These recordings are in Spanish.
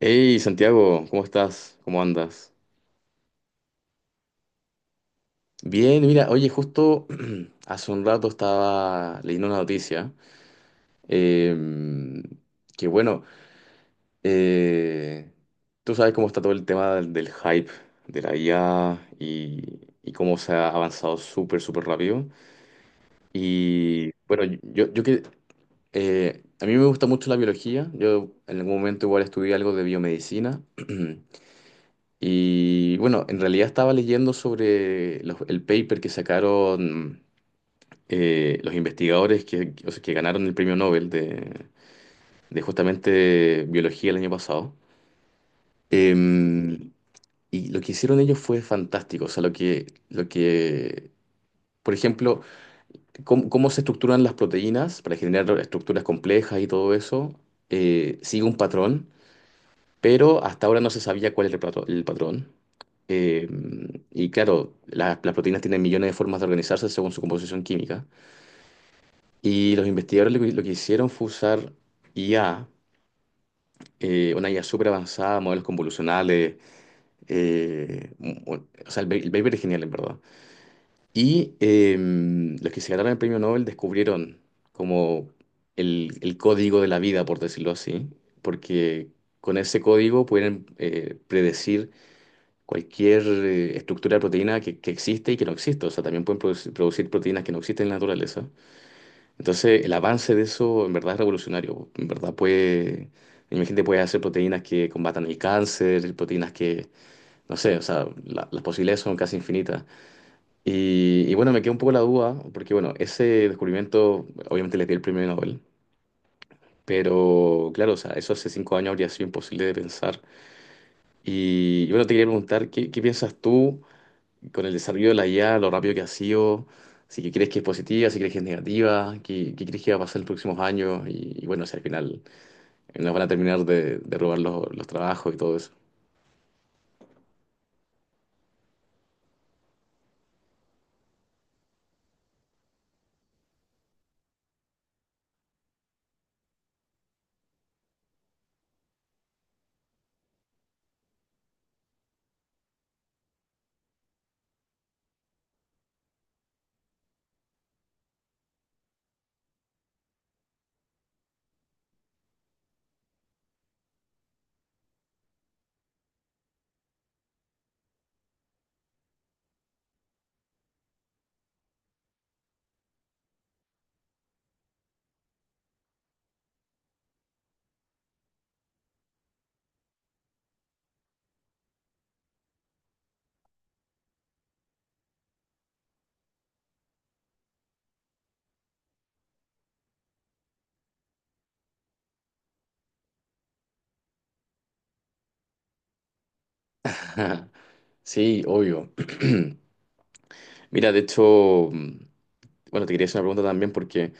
Hey Santiago, ¿cómo estás? ¿Cómo andas? Bien, mira, oye, justo hace un rato estaba leyendo una noticia em, que bueno, eh, tú sabes cómo está todo el tema del hype de la IA y cómo se ha avanzado súper, súper rápido. Y bueno, yo que a mí me gusta mucho la biología. Yo en algún momento igual estudié algo de biomedicina. Y bueno, en realidad estaba leyendo sobre el paper que sacaron, los investigadores que ganaron el premio Nobel de justamente biología el año pasado. Em, y lo que hicieron ellos fue fantástico. O sea, por ejemplo, cómo se estructuran las proteínas para generar estructuras complejas y todo eso, sigue un patrón. Pero hasta ahora no se sabía cuál era el patrón. Eh, y claro, las proteínas tienen millones de formas de organizarse según su composición química. Y los investigadores lo que hicieron fue usar IA, una IA súper avanzada, modelos convolucionales. eh, mu- o sea, el paper es genial, en verdad. Y los que se ganaron el premio Nobel descubrieron como el código de la vida, por decirlo así, porque con ese código pueden predecir cualquier estructura de proteína que existe y que no existe. O sea, también pueden producir proteínas que no existen en la naturaleza. Entonces, el avance de eso en verdad es revolucionario. En verdad puede, imagínate, puede hacer proteínas que combatan el cáncer, proteínas que, no sé, o sea, las posibilidades son casi infinitas. Y bueno, me queda un poco la duda, porque bueno, ese descubrimiento obviamente le dio el premio Nobel. Pero claro, o sea, eso hace 5 años habría sido imposible de pensar. Y bueno, te quería preguntar, ¿qué piensas tú con el desarrollo de la IA, lo rápido que ha sido? ¿Si que crees que es positiva, si crees que es negativa, qué crees que va a pasar en los próximos años y bueno, si al final nos van a terminar de robar los trabajos y todo eso? Sí, obvio. Mira, de hecho, bueno, te quería hacer una pregunta también porque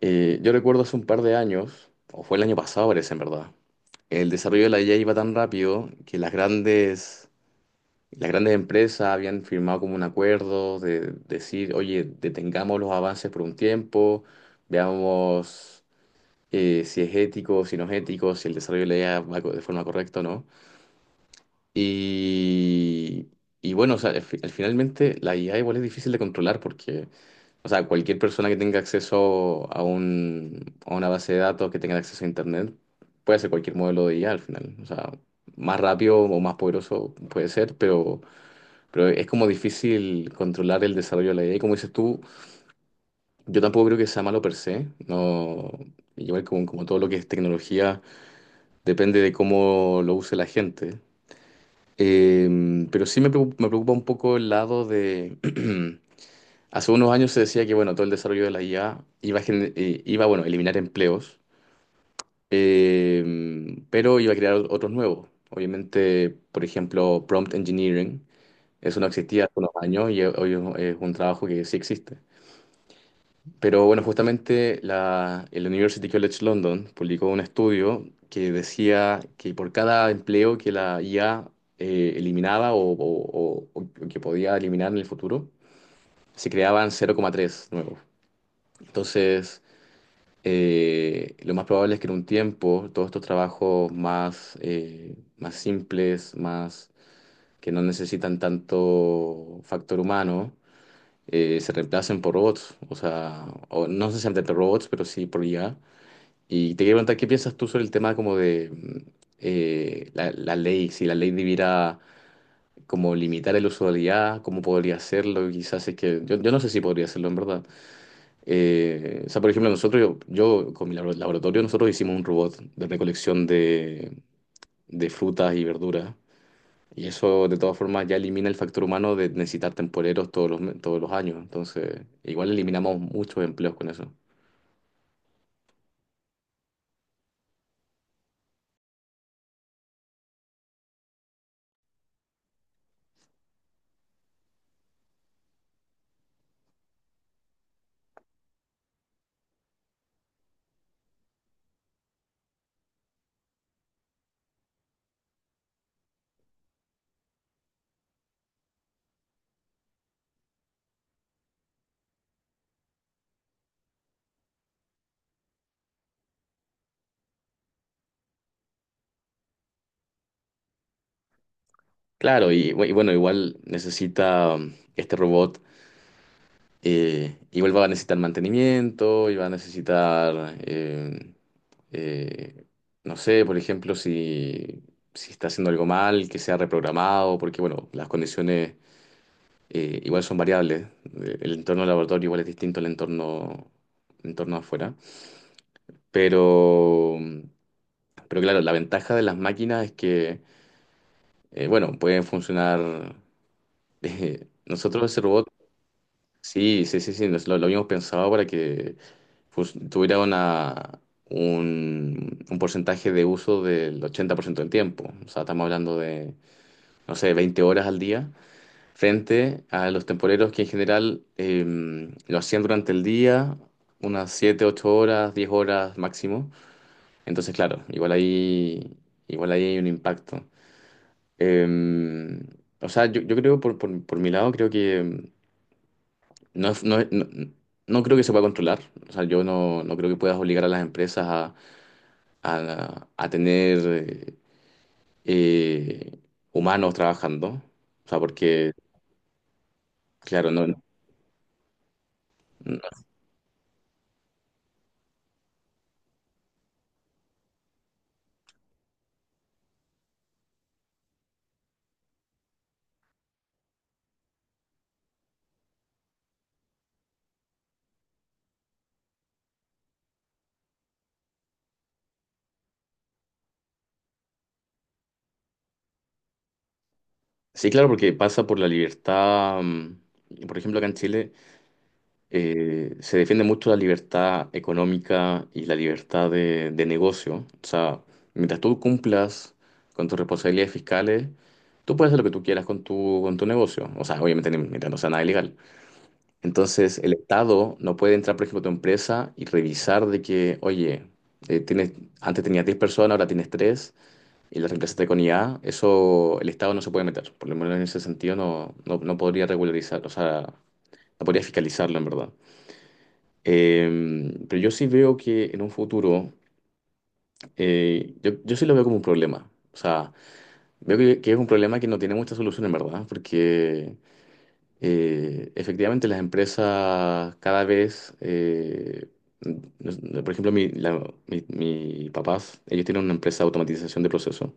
yo recuerdo hace un par de años, o fue el año pasado parece, en verdad el desarrollo de la IA iba tan rápido que las grandes empresas habían firmado como un acuerdo de decir, oye, detengamos los avances por un tiempo, veamos si es ético, si no es ético, si el desarrollo de la IA de forma correcta o no. Y, y bueno, o sea, al finalmente la IA igual es difícil de controlar porque, o sea, cualquier persona que tenga acceso a un, a una base de datos, que tenga acceso a Internet, puede hacer cualquier modelo de IA al final. O sea, más rápido o más poderoso puede ser, pero... Pero es como difícil controlar el desarrollo de la idea. Y como dices tú, yo tampoco creo que sea malo per se. No, igual como, como todo lo que es tecnología, depende de cómo lo use la gente. Pero sí me preocupa un poco el lado de... Hace unos años se decía que, bueno, todo el desarrollo de la IA iba a, iba, bueno, a eliminar empleos, pero iba a crear otros nuevos. Obviamente, por ejemplo, prompt engineering. Eso no existía hace unos años y hoy es un trabajo que sí existe. Pero bueno, justamente el University College London publicó un estudio que decía que por cada empleo que la IA eliminaba o que podía eliminar en el futuro, se creaban 0,3 nuevos. Entonces, lo más probable es que en un tiempo todos estos trabajos más, más simples, más que no necesitan tanto factor humano, se reemplacen por robots. O sea, o no necesariamente por robots, pero sí por IA. Y te quería preguntar, ¿qué piensas tú sobre el tema como de la ley? Si la ley debiera como limitar el uso de la IA, ¿cómo podría hacerlo? Quizás es que yo no sé si podría hacerlo en verdad. O sea, por ejemplo, nosotros, yo con mi laboratorio, nosotros hicimos un robot de recolección de frutas y verduras. Y eso de todas formas ya elimina el factor humano de necesitar temporeros todos todos los años. Entonces, igual eliminamos muchos empleos con eso. Claro, y bueno, igual necesita, este robot, igual va a necesitar mantenimiento, y va a necesitar, eh, no sé, por ejemplo, si, si está haciendo algo mal, que sea reprogramado, porque bueno, las condiciones igual son variables. El entorno del laboratorio igual es distinto al entorno, entorno afuera. Pero, pero claro, la ventaja de las máquinas es que, bueno, pueden funcionar. Nosotros ese robot, sí, sí, sí, sí, nos lo habíamos pensado para que, pues, tuviera un porcentaje de uso del 80% del tiempo. O sea, estamos hablando de, no sé, 20 horas al día, frente a los temporeros que en general lo hacían durante el día, unas 7, 8 horas, 10 horas máximo. Entonces, claro, igual ahí hay un impacto. Eh, o sea, yo creo, por mi lado, creo que... No, no creo que se pueda controlar. O sea, yo no creo que puedas obligar a las empresas a tener, eh, humanos trabajando. O sea, porque, claro, no, sí, claro, porque pasa por la libertad. Por ejemplo, acá en Chile se defiende mucho la libertad económica y la libertad de negocio. O sea, mientras tú cumplas con tus responsabilidades fiscales, tú puedes hacer lo que tú quieras con tu negocio. O sea, obviamente mientras no sea nada ilegal. Entonces, el Estado no puede entrar, por ejemplo, a tu empresa y revisar de que, oye, tienes, antes tenías 10 personas, ahora tienes 3 y las reemplazaste con IA. Eso el Estado no se puede meter. Por lo menos en ese sentido no, no podría regularizar, o sea, no podría fiscalizarlo en verdad. Pero yo sí veo que en un futuro, yo sí lo veo como un problema. O sea, veo que es un problema que no tiene mucha solución en verdad, porque, efectivamente, las empresas cada vez, nos- por ejemplo, mi papás, ellos tienen una empresa de automatización de procesos.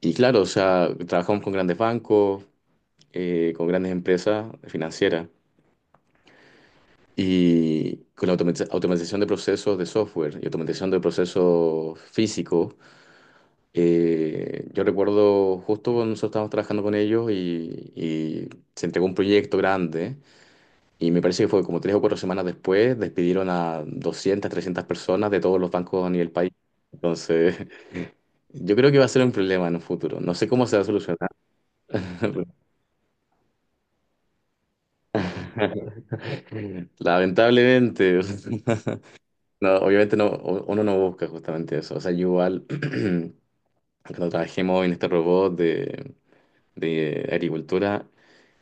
Y claro, o sea, trabajamos con grandes bancos, con grandes empresas financieras. Y con la automatización de procesos de software y automatización de procesos físicos, yo recuerdo justo cuando nosotros estábamos trabajando con ellos y se entregó un proyecto grande. Y me parece que fue como 3 o 4 semanas después, despidieron a 200 300 personas de todos los bancos a nivel país. Entonces, yo creo que va a ser un problema en un futuro. No sé cómo se va a solucionar. Lamentablemente, no, obviamente no, uno no busca justamente eso. O sea, yo igual, cuando trabajemos en este robot de agricultura,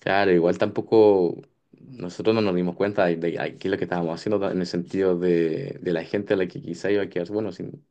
claro, igual tampoco nosotros no nos dimos cuenta de qué es lo que estábamos haciendo en el sentido de la gente a la que quizá iba a quedar, bueno, sin.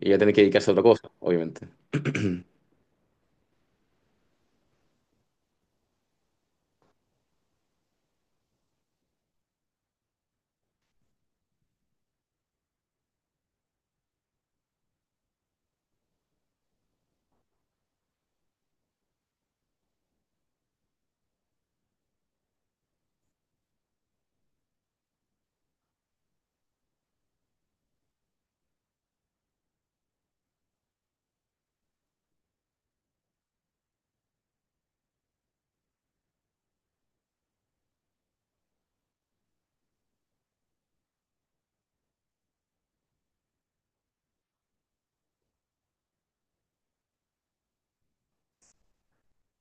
Y va a tener que dedicarse a otra cosa, obviamente.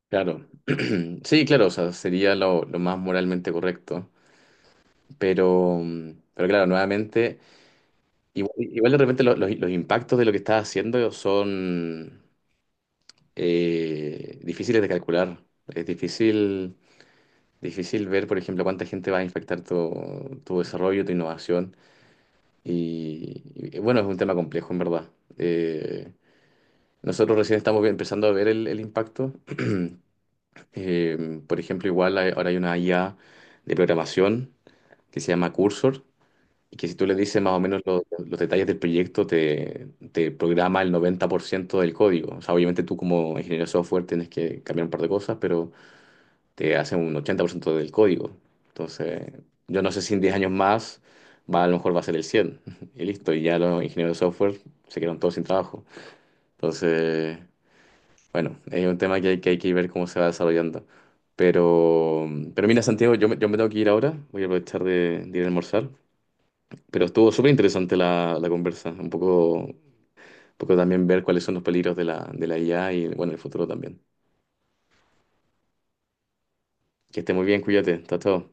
Claro. Sí, claro, o sea, sería lo más moralmente correcto. Pero, pero claro, nuevamente, igual de repente los impactos de lo que estás haciendo son difíciles de calcular. Es difícil, difícil ver, por ejemplo, cuánta gente va a impactar tu, tu desarrollo, tu innovación. Y bueno, es un tema complejo, en verdad. Eh, Nosotros recién estamos empezando a ver el impacto. Por ejemplo, ahora hay una IA de programación que se llama Cursor, y que si tú le dices más o menos los detalles del proyecto, te programa el 90% del código. O sea, obviamente tú como ingeniero de software tienes que cambiar un par de cosas, pero te hace un 80% del código. Entonces, yo no sé si en 10 años más a lo mejor va a ser el 100 y listo. Y ya los ingenieros de software se quedan todos sin trabajo. Entonces... Bueno, es un tema que hay que, hay que ver cómo se va desarrollando. Pero, pero mira, Santiago, yo me tengo que ir ahora, voy a aprovechar de ir a almorzar. Pero estuvo súper interesante la conversa, un poco, también ver cuáles son los peligros de la IA y bueno, el futuro también. Que esté muy bien, cuídate, hasta todo.